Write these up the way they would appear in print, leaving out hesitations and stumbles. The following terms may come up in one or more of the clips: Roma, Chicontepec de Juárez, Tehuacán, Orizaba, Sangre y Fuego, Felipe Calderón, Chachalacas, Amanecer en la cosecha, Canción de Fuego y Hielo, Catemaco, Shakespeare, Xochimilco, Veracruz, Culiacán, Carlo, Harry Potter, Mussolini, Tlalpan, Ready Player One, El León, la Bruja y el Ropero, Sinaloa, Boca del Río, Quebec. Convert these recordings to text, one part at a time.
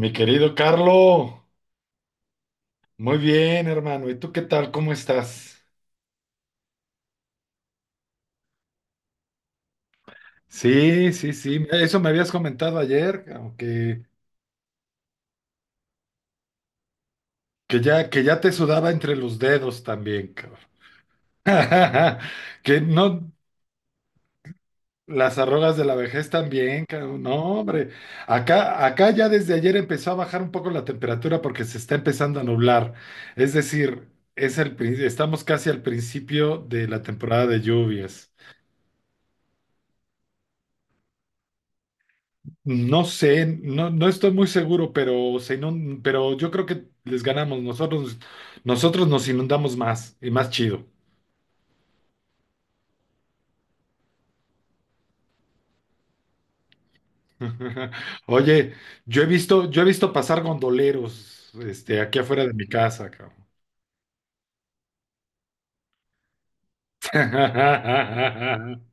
Mi querido Carlo, muy bien, hermano. ¿Y tú qué tal? ¿Cómo estás? Sí, sí, sí. Eso me habías comentado ayer, cabrón, que ya te sudaba entre los dedos también, cabrón. Que no, las arrugas de la vejez también, cabrón. No, hombre. Acá ya desde ayer empezó a bajar un poco la temperatura porque se está empezando a nublar. Es decir, estamos casi al principio de la temporada de lluvias. No sé, no estoy muy seguro, pero, pero yo creo que les ganamos. Nosotros nos inundamos más y más chido. Oye, yo he visto pasar gondoleros, aquí afuera de mi casa, cabrón.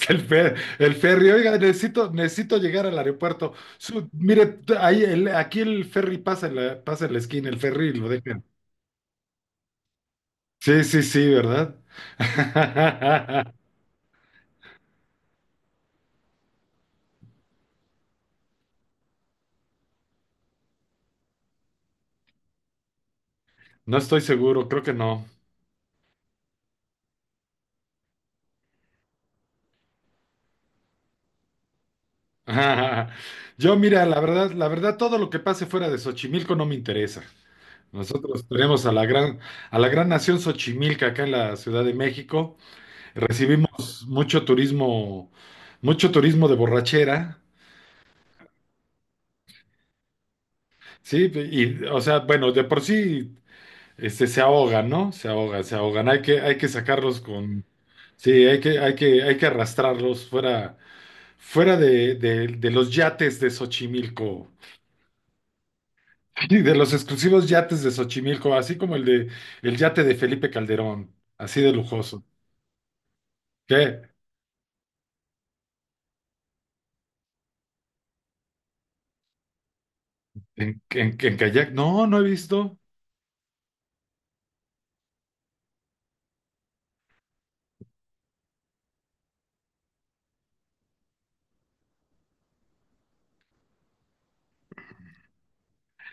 Es el ferry, oiga, necesito llegar al aeropuerto. Mire, aquí el ferry pasa en la esquina, el ferry lo dejan. Sí, sí, sí, ¿verdad? No estoy seguro, creo que no. Yo, mira, la verdad, todo lo que pase fuera de Xochimilco no me interesa. Nosotros tenemos a la gran nación Xochimilca acá en la Ciudad de México. Recibimos mucho turismo de borrachera, ¿sí? Y, o sea, bueno, de por sí, se ahogan, ¿no? Se ahogan, se ahogan. Hay que sacarlos con, sí, hay que arrastrarlos fuera, fuera de los yates de Xochimilco. Y de los exclusivos yates de Xochimilco, así como el yate de Felipe Calderón, así de lujoso. ¿Qué? ¿En kayak? No, no he visto.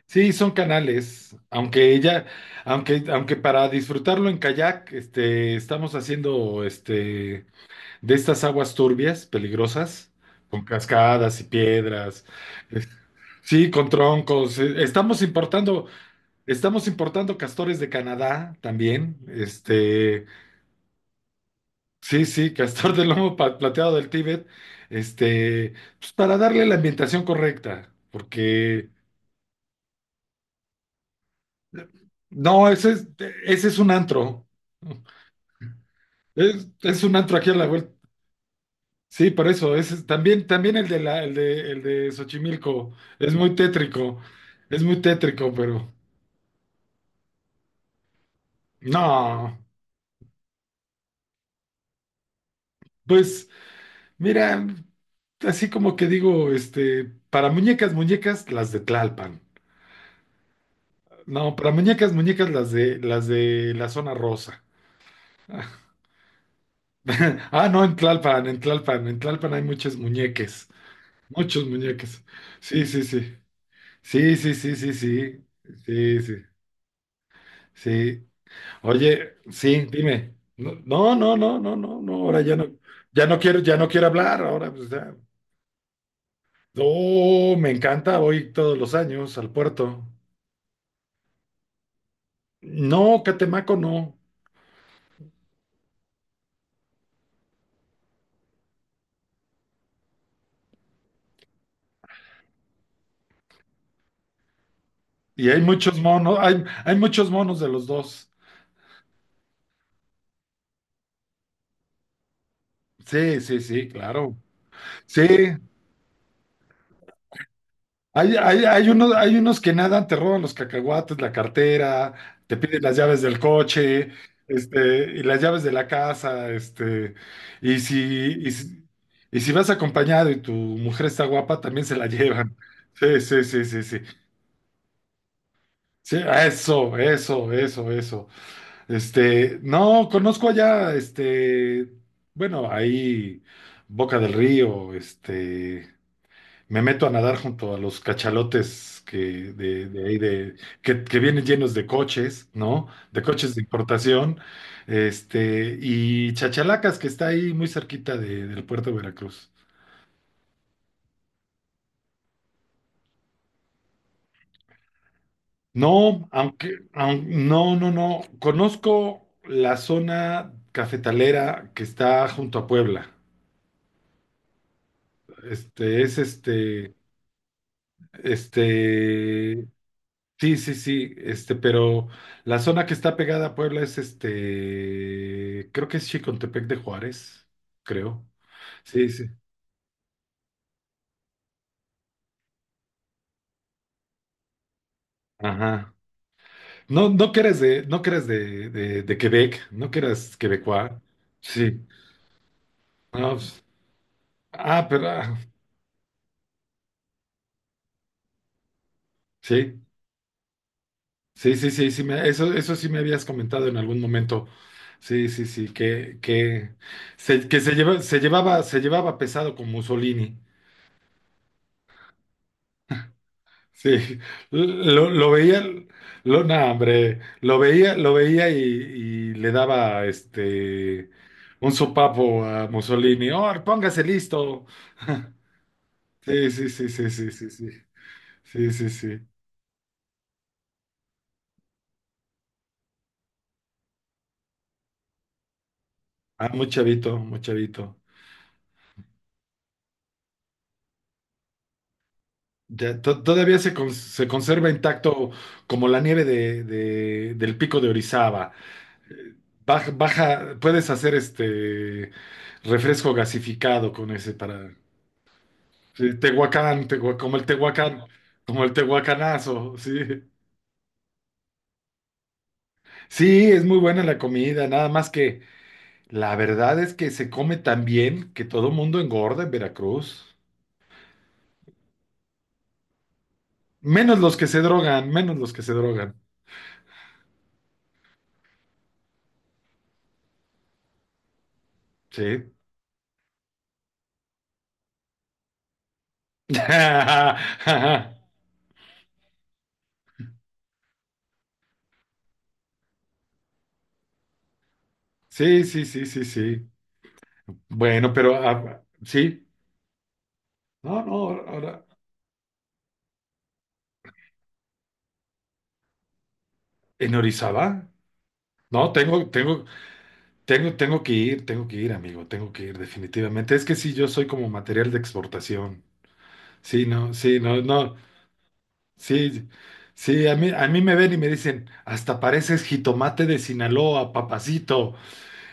Sí, son canales, aunque para disfrutarlo en kayak, estamos haciendo este de estas aguas turbias, peligrosas, con cascadas y piedras, es- sí, con troncos. Estamos importando castores de Canadá también. Sí, sí, castor de lomo plateado del Tíbet, este, pues para darle la ambientación correcta, porque no, ese es un antro, es un antro aquí a la vuelta. Sí, por eso, ese es, también, también el de la, el de Xochimilco, es muy tétrico, es muy tétrico, pero no, pues mira, así como que digo, para muñecas, muñecas, las de Tlalpan. No, pero muñecas, muñecas las de la zona rosa. Ah, no, en Tlalpan, en Tlalpan, en Tlalpan hay muchos muñeques, muchos muñeques. Sí, sí, sí. Sí, sí, sí, sí, sí. Sí, sí. Sí. Oye, sí, dime. No, no, no, no, no, no, no, ahora ya no quiero hablar, ahora pues ya. Oh, me encanta, voy todos los años al puerto. No, Catemaco no. Y hay muchos monos, hay muchos monos de los dos. Sí, sí, sí, claro. Sí, hay unos que nadan, te roban los cacahuates, la cartera, te piden las llaves del coche, y las llaves de la casa, y si, y si, y si vas acompañado y tu mujer está guapa, también se la llevan. Sí, sí, sí, sí, sí. Sí, eso, eso, eso, eso. No, conozco allá, bueno, ahí Boca del Río. Me meto a nadar junto a los cachalotes de, de ahí de que vienen llenos de coches, ¿no? De coches de importación, y Chachalacas, que está ahí muy cerquita del puerto de Veracruz. No, no, no, no. Conozco la zona cafetalera que está junto a Puebla. Este, es este, este, Sí, sí, sí, pero la zona que está pegada a Puebla es creo que es Chicontepec de Juárez, creo. Sí, sí. Ajá. No, no que eres de, de Quebec, no que eras quebecois. Sí. No, pues, ah, pero ah, sí, sí, sí, sí, sí, eso, eso sí me habías comentado en algún momento. Sí, sí, sí, se llevaba pesado con Mussolini. Sí, lo, lo veía, no, hombre, lo veía y le daba un sopapo a Mussolini. ¡Oh, póngase listo! Sí, sí, sí, sí, sí, sí, sí, sí, sí, sí. Ah, muy chavito, muy chavito. Ya, todavía se conserva intacto como la nieve del pico de Orizaba. Eh, Baja, baja, puedes hacer este refresco gasificado con ese para... Sí, Tehuacán, como el Tehuacán, como el Tehuacanazo, sí. Sí, es muy buena la comida, nada más que la verdad es que se come tan bien que todo mundo engorda en Veracruz. Menos los que se drogan, menos los que se drogan. Sí. Sí, sí, sí, sí, sí. Bueno, pero ah, sí. No, no, ahora en Orizaba. No, tengo que ir, amigo, tengo que ir definitivamente. Es que sí, yo soy como material de exportación. Sí, no, sí, no, no, sí, sí, a mí me ven y me dicen, hasta pareces jitomate de Sinaloa, papacito.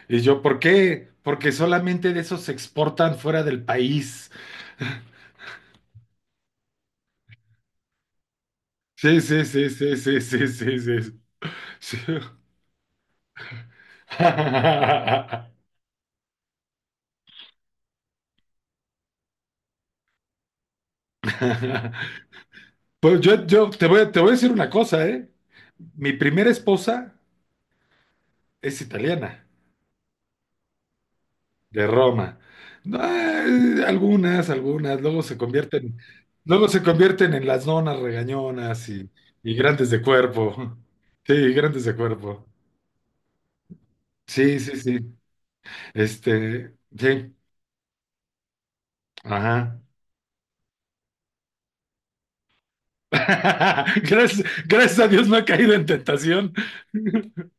Y yo, ¿por qué? Porque solamente de esos se exportan fuera del país. Sí, sí, sí, sí, sí, sí, sí, sí. Sí. Pues yo, yo te voy a decir una cosa, ¿eh? Mi primera esposa es italiana, de Roma. No, luego se convierten en las donas regañonas y grandes de cuerpo. Sí, grandes de cuerpo. Sí, sí, sí. Sí, ajá. Gracias, gracias a Dios no ha caído en tentación.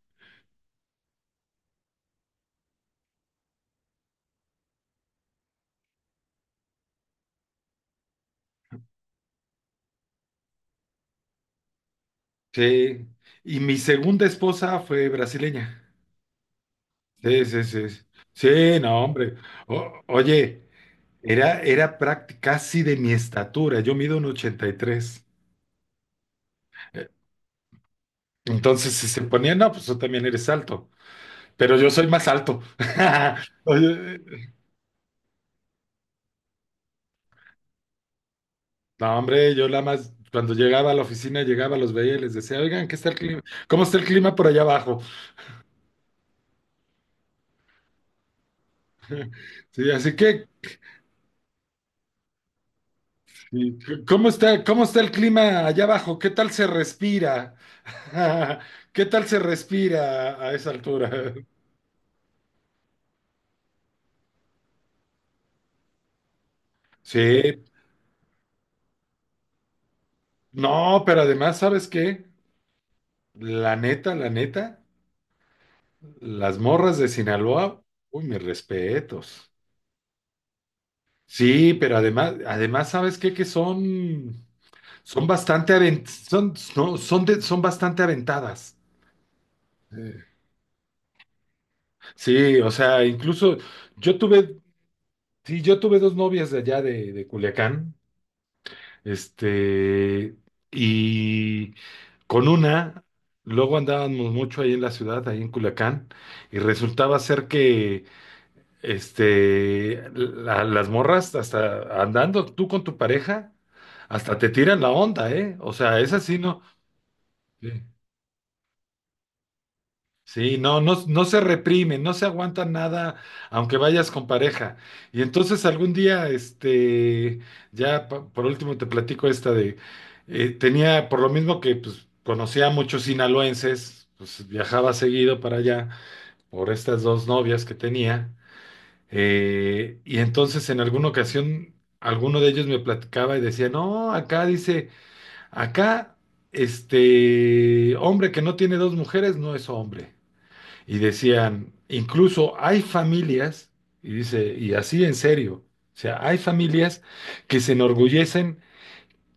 Sí. Y mi segunda esposa fue brasileña. Sí, sí, sí. Sí, no, hombre. Oye. Era casi de mi estatura, yo mido un 83. Eh, Entonces, si se ponía, no, pues tú también eres alto, pero yo soy más alto. Oye, no, hombre, cuando llegaba a la oficina, los veía y les decía, oigan, ¿qué está el clima? ¿Cómo está el clima por allá abajo? Sí, así que, y, ¿cómo está el clima allá abajo? ¿Qué tal se respira? ¿Qué tal se respira a esa altura? Sí, no, pero además, ¿sabes qué? La neta, las morras de Sinaloa, uy, mis respetos. Sí, pero además, además, ¿sabes qué? Que son bastante aven- son, no, son, de- son bastante aventadas. Eh, Sí, o sea, incluso yo tuve, sí, yo tuve dos novias de allá de Culiacán, este, y con una, luego andábamos mucho ahí en la ciudad, ahí en Culiacán, y resultaba ser que las morras hasta andando tú con tu pareja, hasta te tiran la onda, ¿eh? O sea, es así, ¿no? Sí, sí, no, no, no se reprimen, no se aguantan nada, aunque vayas con pareja. Y entonces algún día, por último te platico esta de, tenía, por lo mismo que pues, conocía a muchos sinaloenses, pues viajaba seguido para allá por estas dos novias que tenía. Y entonces en alguna ocasión alguno de ellos me platicaba y decía, no, acá dice, acá este hombre que no tiene dos mujeres no es hombre. Y decían, incluso hay familias, y dice, y así en serio, o sea, hay familias que se enorgullecen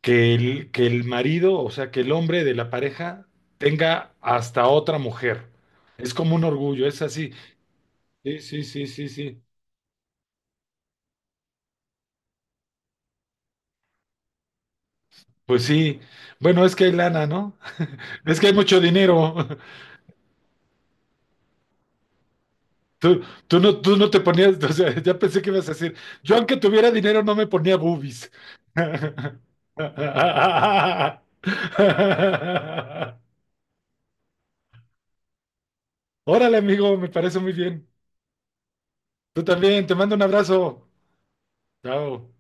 que el marido, o sea, que el hombre de la pareja tenga hasta otra mujer. Es como un orgullo, es así. Sí, sí, sí, sí, sí. Pues sí, bueno, es que hay lana, ¿no? Es que hay mucho dinero. Tú, tú no te ponías, o sea, ya pensé que ibas a decir, yo aunque tuviera dinero no me ponía boobies. Órale, amigo, me parece muy bien. Tú también, te mando un abrazo. Chao.